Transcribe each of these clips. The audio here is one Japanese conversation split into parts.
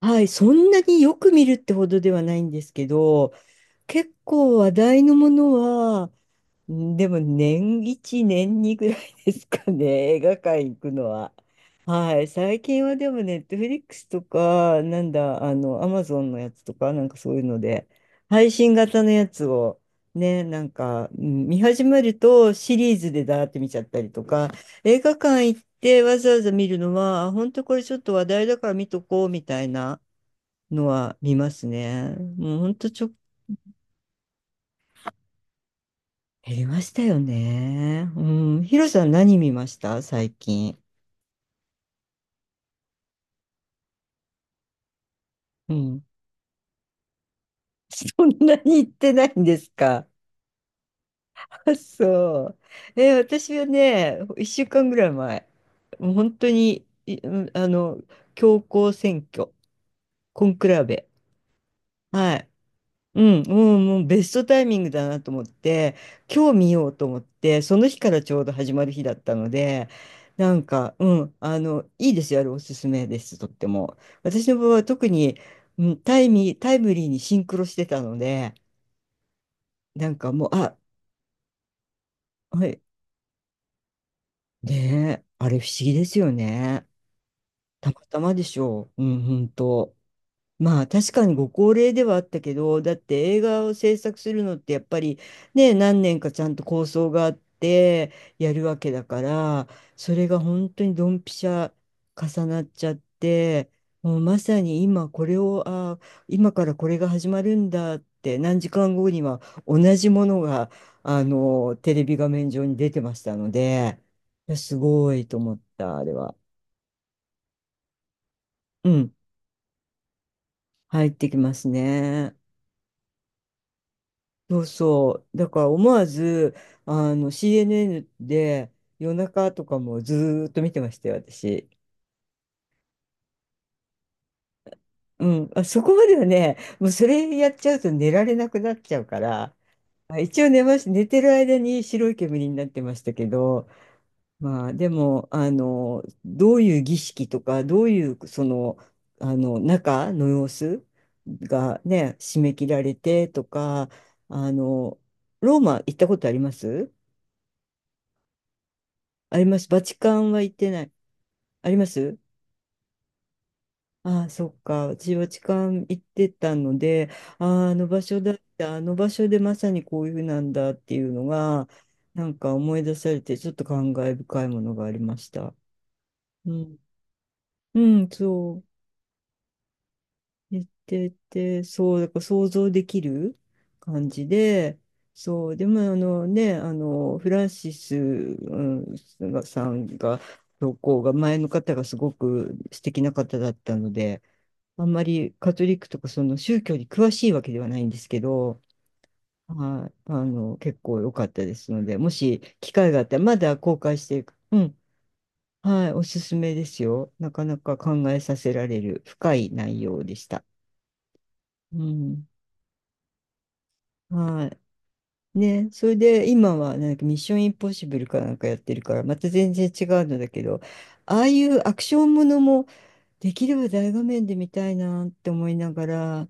はい、そんなによく見るってほどではないんですけど、結構話題のものは、んでも年1、年2ぐらいですかね、映画館行くのは。はい、最近はでもネットフリックスとか、なんだ、あの、アマゾンのやつとか、そういうので、配信型のやつを、ね、見始めるとシリーズでだーって見ちゃったりとか、映画館行ってわざわざ見るのは、あ本当これちょっと話題だから見とこうみたいな。のは見ますね。もうほんとちょ、減りましたよね。うん。ヒロさん何見ました最近。うん。そんなに行ってないんですか？あ、そう。え、私はね、1週間ぐらい前、もう本当に、いうんあの、教皇選挙、コンクラベ。はい。もうベストタイミングだなと思って、今日見ようと思って、その日からちょうど始まる日だったので、いいですよ、あれおすすめです、とっても。私の場合は特に、タイムリーにシンクロしてたので、なんかもう、あ、はい、ねえ、あれ不思議ですよね。たまたまでしょう。うん、本当。まあ確かにご高齢ではあったけど、だって映画を制作するのってやっぱりね、何年かちゃんと構想があってやるわけだから、それが本当にドンピシャ重なっちゃって、もうまさに今からこれが始まるんだって何時間後には同じものが、あの、テレビ画面上に出てましたので、いやすごいと思った、あれは。うん、入ってきますね。そうそう。だから思わず、あの、CNN で夜中とかもずーっと見てましたよ、私。うん。あ、そこまではね、もうそれやっちゃうと寝られなくなっちゃうから、あ一応寝まし、寝てる間に白い煙になってましたけど、まあ、でも、あの、どういう儀式とか、どういう、その、あの、中の様子がね、締め切られてとか、あの、ローマ行ったことあります？あります。バチカンは行ってない。あります。ああ、そっか。私、バチカン行ってたので、ああ、あの場所だった、あの場所でまさにこういうふうなんだっていうのが、なんか思い出されて、ちょっと感慨深いものがありました。うん。うん、そう。言ってて、そう、だから想像できる感じで、そう、でもあのね、あの、フランシス、うんがさんが、教皇が前の方がすごく素敵な方だったので、あんまりカトリックとかその宗教に詳しいわけではないんですけど、はい、あの、結構良かったですので、もし機会があったら、まだ公開していく。うん、はい、おすすめですよ。なかなか考えさせられる深い内容でした。うん。はい。ね、それで今はなんかミッションインポッシブルかなんかやってるから、また全然違うのだけど、ああいうアクションものもできれば大画面で見たいなって思いながら、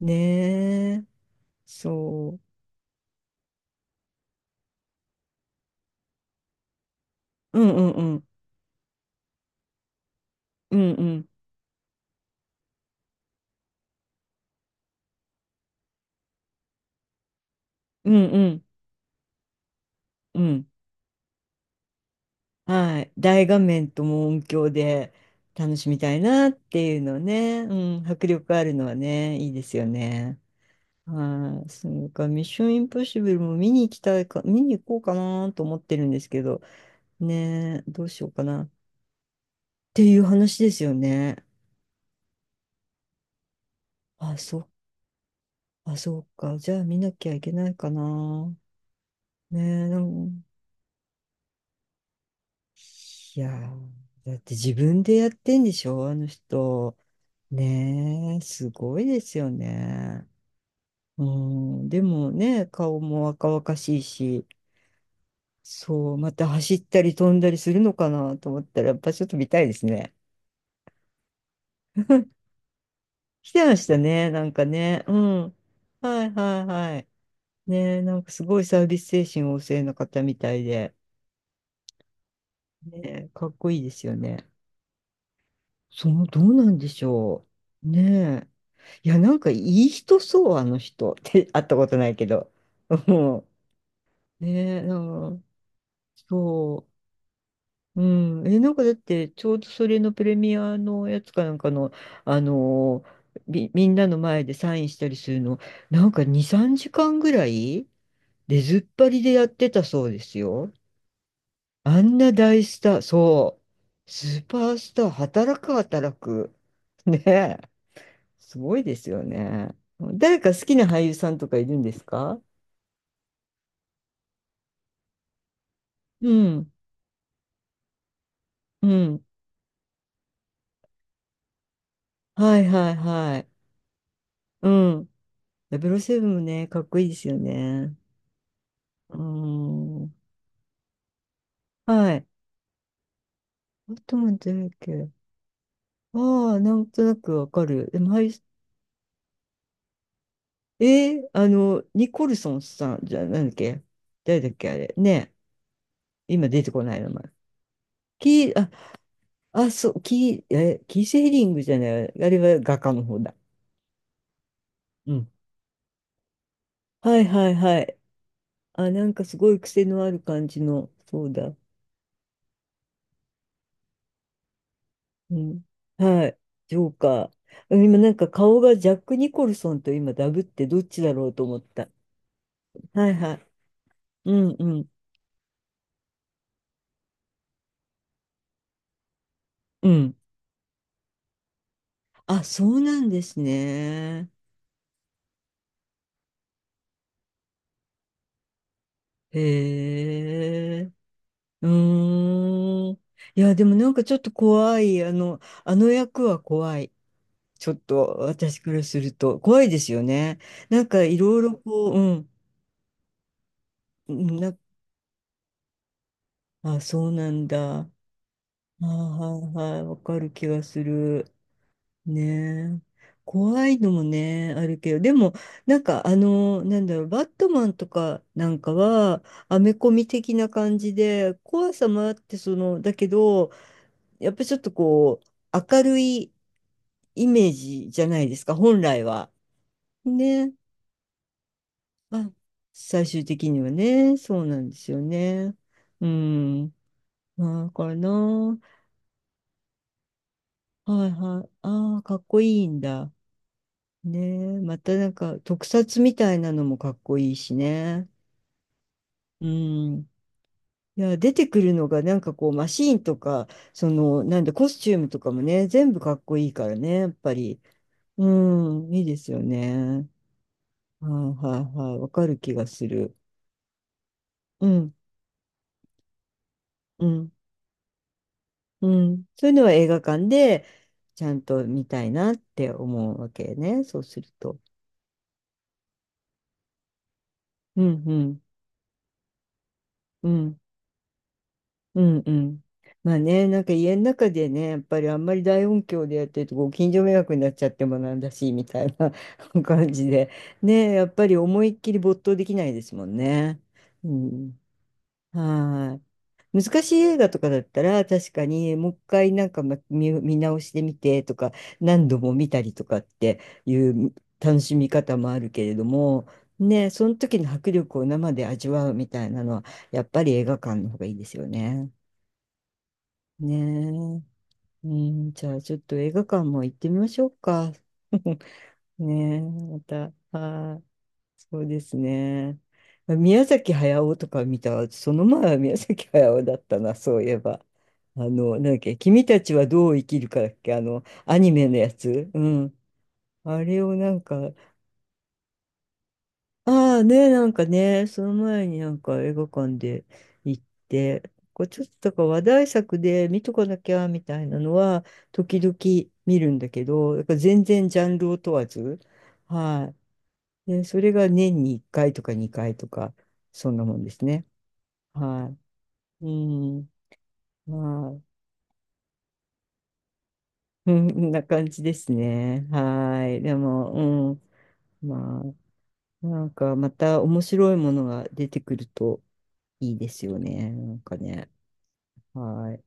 ねえ、そう。うんうんうん。うんうん。うんうん。うん。はい。大画面とも音響で楽しみたいなっていうのね。うん。迫力あるのはね、いいですよね。はい、そうか、ミッションインポッシブルも見に行きたいか、見に行こうかなと思ってるんですけど、ねえ、どうしようかなっていう話ですよね。あ、そ、あ、そうか。じゃあ見なきゃいけないかな。ねえ、なんいやー、だって自分でやってんでしょ、あの人。ねえ、すごいですよね。うん、でもね、顔も若々しいし、そう、また走ったり飛んだりするのかなと思ったら、やっぱちょっと見たいですね。来てましたね、なんかね。うん。はいはいはい。ね、なんかすごいサービス精神旺盛な方みたいで。ね、かっこいいですよね。その、どうなんでしょう。ねえいや、なんかいい人そう、あの人。って、会ったことないけど。うん。ねえなんかそう。うん。え、なんかだって、ちょうどそれのプレミアのやつかなんかの、あのみんなの前でサインしたりするの、なんか2、3時間ぐらい出ずっぱりでやってたそうですよ。あんな大スター、そう。スーパースター、働く働く。ねえ。すごいですよね。誰か好きな俳優さんとかいるんですか？うん。うん。はいはいはい。うん。ダブルセブンもね、かっこいいですよね。うーん。はい。あとなんてだっけ。ああ、なんとなくわかる。でも、はい、ニコルソンさんじゃ、なんだっけ？誰だっけあれ。ね。今出てこない名前。キー、あ、あ、そう、キーセーリングじゃない。あれは画家の方だ。うん。はいはいはい。あ、なんかすごい癖のある感じの、そうだ。うん。はい。ジョーカー。うん今なんか顔がジャック・ニコルソンと今ダブってどっちだろうと思った。はいはい。うんうん。うん。あ、そうなんですね。へえ。うーん。いや、でもなんかちょっと怖い。あの、あの役は怖い。ちょっと私からすると怖いですよね。なんかいろいろこう、うん、うんな、あ、そうなんだ。あーはいはい、わかる気がする。ねえ。怖いのもね、あるけど、でも、バットマンとかなんかは、アメコミ的な感じで、怖さもあって、その、だけど、やっぱりちょっとこう、明るいイメージじゃないですか、本来は。ねあ、最終的にはね、そうなんですよね。うん。だからな。はいはい。ああ、かっこいいんだ。ねえ。またなんか特撮みたいなのもかっこいいしね。うん。いや、出てくるのがなんかこうマシーンとか、その、なんだ、コスチュームとかもね、全部かっこいいからね、やっぱり。うん、いいですよね。はいはいはい。わかる気がする。うん、うん。うん。そういうのは映画館でちゃんと見たいなって思うわけね。そうすると。うんうんうんうんうん。まあね、なんか家の中でね、やっぱりあんまり大音響でやってるとご近所迷惑になっちゃってもなんだし、みたいな 感じで。ね、やっぱり思いっきり没頭できないですもんね。うん。はーい。難しい映画とかだったら確かにもう一回なんかま見、見直してみてとか何度も見たりとかっていう楽しみ方もあるけれどもねその時の迫力を生で味わうみたいなのはやっぱり映画館の方がいいですよね。ねえ、うん、じゃあちょっと映画館も行ってみましょうか。ねえ、また。はーいそうですね。宮崎駿とか見た、その前は宮崎駿だったな、そういえば。あの、なんだっけ、君たちはどう生きるかだっけ、あの、アニメのやつ。うん。あれをなんか、ああね、なんかね、その前になんか映画館で行って、こうちょっとだから話題作で見とかなきゃみたいなのは、時々見るんだけど、だから全然ジャンルを問わず、はい。で、それが年に1回とか2回とか、そんなもんですね。はい。うん。まあ、うん、こんな感じですね。はい。でも、うん。まあ、なんかまた面白いものが出てくるといいですよね。なんかね。はい。